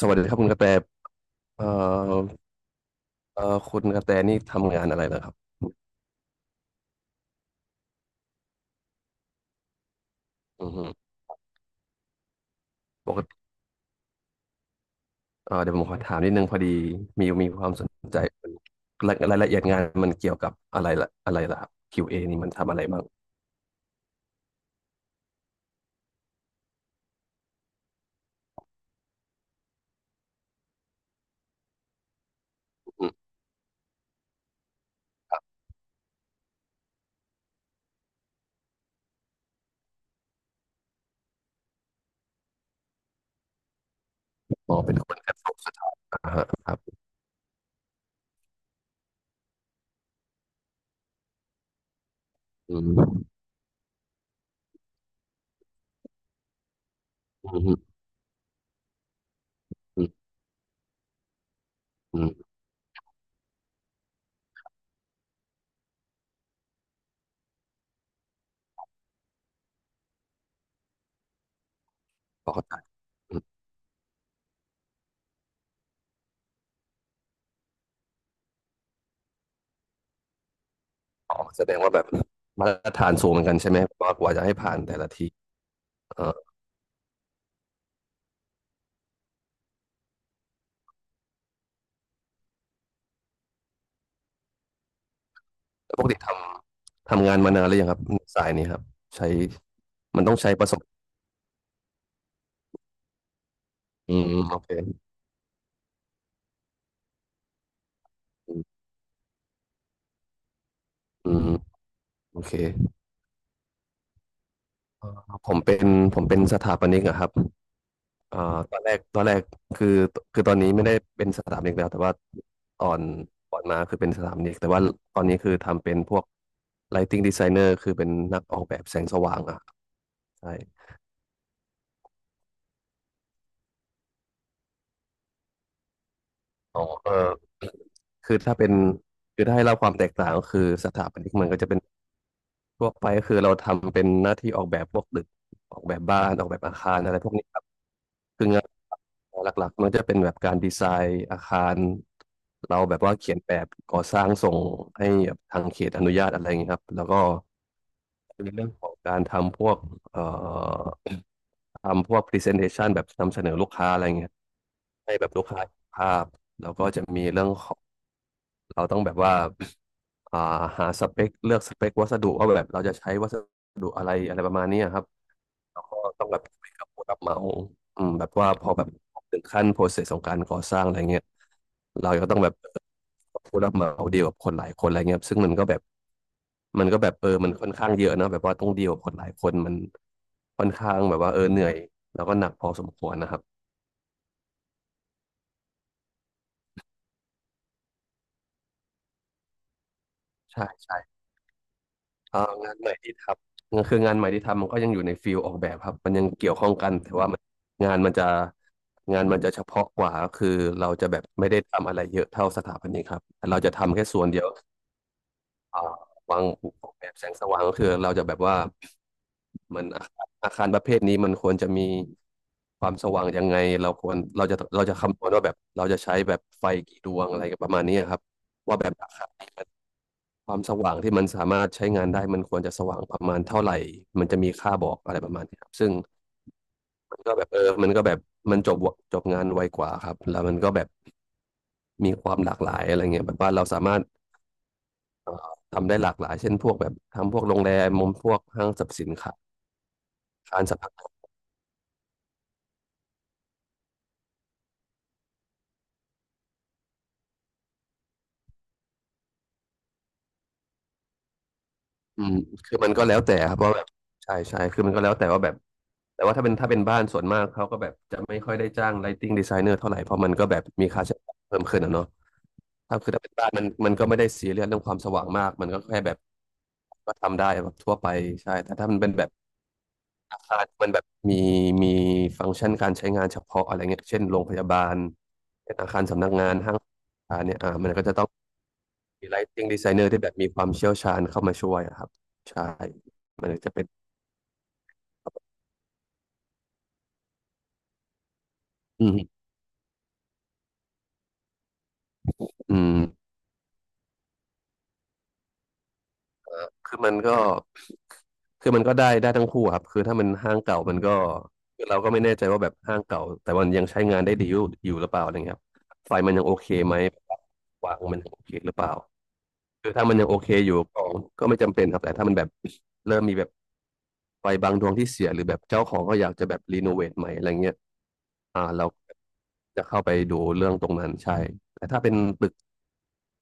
สวัสดีครับคุณกระแตเอ่อคุณกระแตนี่ทำงานอะไรเหรอครับอือฮึปกติเดี๋ยวผมขอถามนิดนึงพอดีมีความสนใจรายละเอียดงานมันเกี่ยวกับอะไรล่ะครับ QA นี่มันทำอะไรบ้างอืมอ๋อเป็นคนกระทรวงสถาธาระครับอืมอืมอืมอืมพอเข้าใจอืมอ๋อแสดงว่าแบบมาตรฐานสูงเหมือนกันใช่ไหมว่ากว่าจะให้ผ่านแต่ละทีเอ่อวปกติทำงานมานานหรือยังครับสายนี้ครับใช้มันต้องใช้ประสบอืมโอเค อืมโอเคเอ่อผมเป็นผมเป็นสถาปนิกอะครับเอ่อตอนแรกคือคือตอนนี้ไม่ได้เป็นสถาปนิกแล้วแต่ว่าตอนก่อนมาคือเป็นสถาปนิกแต่ว่าตอนนี้คือทำเป็นพวก Lighting Designer คือเป็นนักออกแบบแสงสว่างอะใช่อ๋อเออคือถ้าเป็นคือถ้าให้เล่าความแตกต่างก็คือสถาปนิกมันก็จะเป็นทั่วไปก็คือเราทำเป็นหน้าที่ออกแบบพวกตึกออกแบบบ้านออกแบบอาคารอะไรพวกนี้ คืองานหลักๆมันจะเป็นแบบการดีไซน์อาคารเราแบบว่าเขียนแบบก่อสร้างส่งให้ทางเขตอนุญาตอะไรอย่างเงี้ยครับแล้วก็เป็นเรื่องของการทำพวกเอ่อทำพวก presentation แบบนำเสนอลูกค้าอะไรอย่างเงี้ยให้แบบลูกค้าเภาพแล้วก็จะมีเรื่องของเราต้องแบบว่าอ่าหาสเปคเลือกสเปควัสดุว่าแบบเราจะใช้วัสดุอะไรอะไรประมาณนี้ครับ แล้วก็ต้องแบบคุยกับผู้รับเหมาอืมแบบว่าพอแบบถึงขั้นโปรเซสของการก่อสร้างอะไรเงี้ยเราก็ต้องแบบผู้รับเหมาเดียวกับคนหลายคนอะไรเงี้ยซึ่งมันก็แบบเออมันค่อนข้างเยอะเนอะแบบว่าต้องเดียวกับคนหลายคนมันค่อนข้างแบบว่าเออเหนื่อยแล้วก็หนักพอสมควรนะครับใช่ใช่ อ่างานใหม่ที่ทำคืองานใหม่ที่ทำมันก็ยังอยู่ในฟิลออกแบบครับมันยังเกี่ยวข้องกันแต่ว่ามันงานมันจะงานมันจะเฉพาะกว่าก็คือเราจะแบบไม่ได้ทำอะไรเยอะเท่าสถาปนิกครับแต่เราจะทำแค่ส่วนเดียวอ่าวางออกแบบแสงสว่างก็คือเราจะแบบว่ามันอาคารประเภทนี้มันควรจะมีความสว่างยังไงเราควรเราจะเราจะคำนวณว่าแบบเราจะใช้แบบไฟกี่ดวงอะไรประมาณนี้ครับว่าแบบอาคาร ความสว่างที่มันสามารถใช้งานได้มันควรจะสว่างประมาณเท่าไหร่มันจะมีค่าบอกอะไรประมาณนี้ครับซึ่งมันก็แบบเออมันก็แบบมันจบจบงานไวกว่าครับ แล้วมันก็แบบมีความหลากหลายอะไรเงี้ยแบบว่าเราสามารถทำได้หลากหลายเช่นพวกแบบทำพวกโรงแรมมุมพวกห้างสรรพสินค้าร้านสรรพอืมคือมันก็แล้วแต่ครับว่าแบบใช่ใช่คือมันก็แล้วแต่ว่าแบบแต่ว่าถ้าเป็นบ้านส่วนมากเขาก็แบบจะไม่ค่อยได้จ้าง lighting designer เท่าไหร่เพราะมันก็แบบมีค่าใช้จ่ายเพิ่มขึ้นอะเนาะ ถ้าคือถ้าเป็นบ้านมันมันก็ไม่ได้ซีเรียสเรื่องความสว่างมากมันก็แค่แบบก็ทำได้แบบทั่วไปใช่แต่ถ้ามันเป็นแบบอาคารมันแบบมีฟังก์ชันการใช้งานเฉพาะอะไรเงี้ยเช่นโรงพยาบาลเช่นอาคารสำนักงานห้างอาเนี่ยอ่ามันก็จะต้องมี lighting designer ที่แบบมีความเชี่ยวชาญเข้ามาช่วยอะครับใช่มันก็จะเป็นอืมอืม คือมันก็คือมันก็ได้ทั้งคู่ครับคือถ้ามันห้างเก่ามันก็คือเราก็ไม่แน่ใจว่าแบบห้างเก่าแต่มันยังใช้งานได้ดีอยู่หรือเปล่าอะไรเงี้ยครับไฟมันยังโอเคไหมวางมันยังโอเคหรือเปล่าคือถ้ามันยังโอเคอยู่ก็ก็ไม่จำเป็นครับแต่ถ้ามันแบบเริ่มมีแบบไฟบางดวงที่เสียหรือแบบเจ้าของก็อยากจะแบบรีโนเวทใหม่อะไรเงี้ยอ่าเราจะเข้าไปดูเรื่องตรงนั้นใช่แต่ถ้าเป็นตึก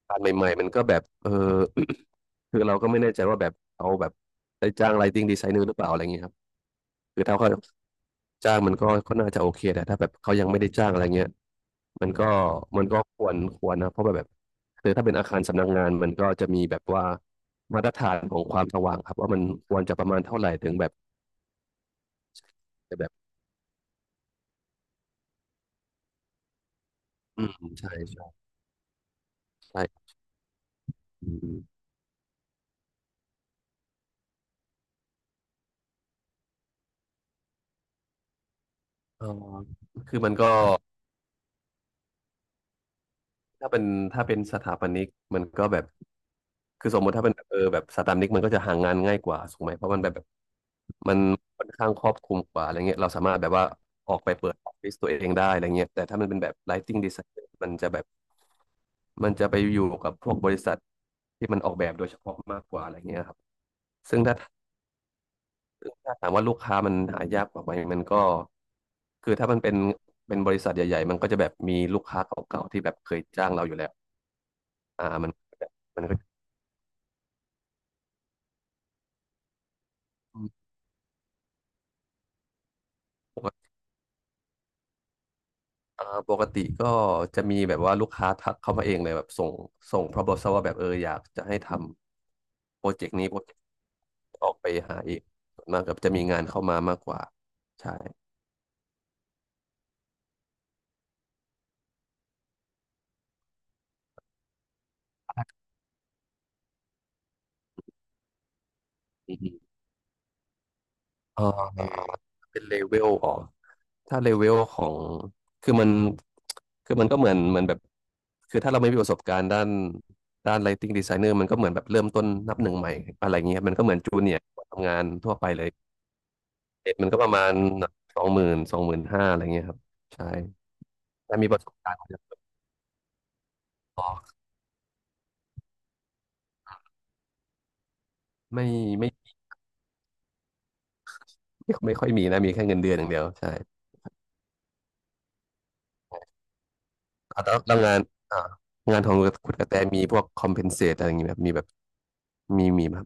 การใหม่ๆมันก็แบบเออ คือเราก็ไม่แน่ใจว่าแบบเอาแบบได้จ้าง lighting designer หรือเปล่าอะไรเงี้ยครับคือถ้าเขาจ้างมันก็น่าจะโอเคแต่ถ้าแบบเขายังไม่ได้จ้างอะไรเงี้ยมันก็มันก็ควรนะเพราะแบบคือถ้าเป็นอาคารสำนักงานมันก็จะมีแบบว่ามาตรฐานของความสว่างครับว่ามันควรจะประมาณเท่าไหร่ถึงแบบจะแบบอืมใช่ใช่ใช่อืมเออคือมันก็ ถ้าเป็นถ้าเป็นสถาปนิกมันก็แบบคือสมมติถ้าเป็นแบบแบบสถาปนิกมันก็จะหางานง่ายกว่าถูกไหมเพราะมันแบบมันค่อนข้างครอบคลุมกว่าอะไรเงี้ยเราสามารถแบบว่าออกไปเปิดออฟฟิศตัวเองได้อะไรเงี้ยแต่ถ้ามันเป็นแบบ lighting design มันจะแบบมันจะไปอยู่กับพวกบริษัทที่มันออกแบบโดยเฉพาะมากกว่าอะไรเงี้ยครับซึ่งถ้าซึ่งถ้าถามว่าลูกค้ามันหายากกว่าไหมมันก็คือถ้ามันเป็นเป็นบริษัทใหญ่ๆมันก็จะแบบมีลูกค้าเก่าๆที่แบบเคยจ้างเราอยู่แล้ว อ่ามันมันก็ ปกติอ่าปกติก็จะมีแบบว่าลูกค้าทักเข้ามาเองเลยแบบส่ง proposal ว่าแบบอยากจะให้ทำโปรเจกต์นี้โปรเจกต์ออกไปหาเองส่วนมากกับจะมีงานเข้ามามากกว่าใช่อืมเอ่อเป็นเลเวลอ๋อถ้าเลเวลของคือมันคือมันก็เหมือนแบบคือถ้าเราไม่มีประสบการณ์ด้าน lighting designer มันก็เหมือนแบบเริ่มต้นนับหนึ่งใหม่อะไรเงี้ยมันก็เหมือนจูเนียร์ทำงานทั่วไปเลย เรทมันก็ประมาณ20,00025,000อะไรเงี้ยครับใช่แต่มีประสบการณ์อาจจะเปิดออกไม่ไม่ไม่ค่อยมีนะมีแค่เงินเดือนอย่างเดียวใช่อ่ะแล้วงานอ่างานของคุณกระแตมีพวกคอมเพนเซตอะไรอย่างงี้แบบมีแบบมีแบบ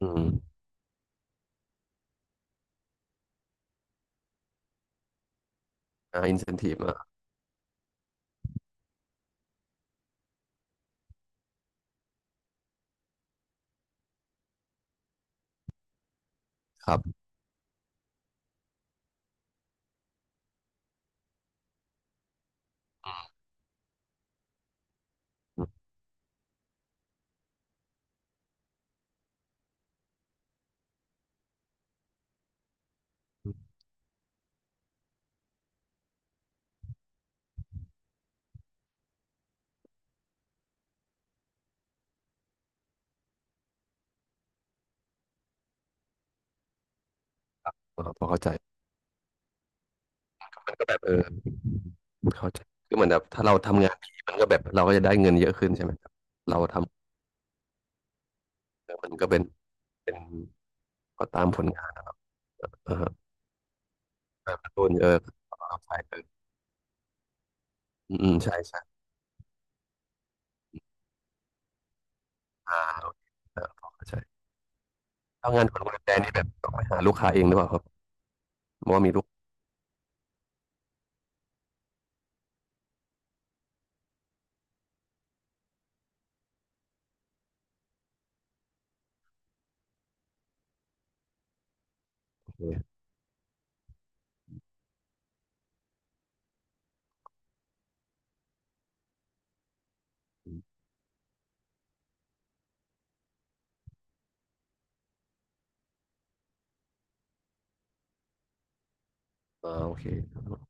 อืมอินเซนทีฟอ่ะครับอืมพอเข้าใจแล้วก็แบบเข้าใจคือเหมือนแบบถ้าเราทำงานดีมันก็แบบเราก็จะได้เงินเยอะขึ้นใช่ไหมครับเราทำมันก็เป็นก็ตามผลงานอ่าฮะแบบโดนเอาไป อืมอืมใช่ใช่อ่าโอเคพอเข้าใจถ้างานของคุรมแดงนี่แบบต้องไปหาลูกค้าเองหรือเปล่าครับว่ามีลูกโอเคอโอเคครับ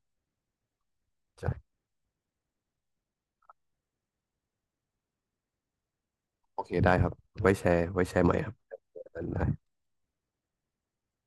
ใช่โอเคได้ครับไว้แชร์ใหม่ครับอันนั้นได้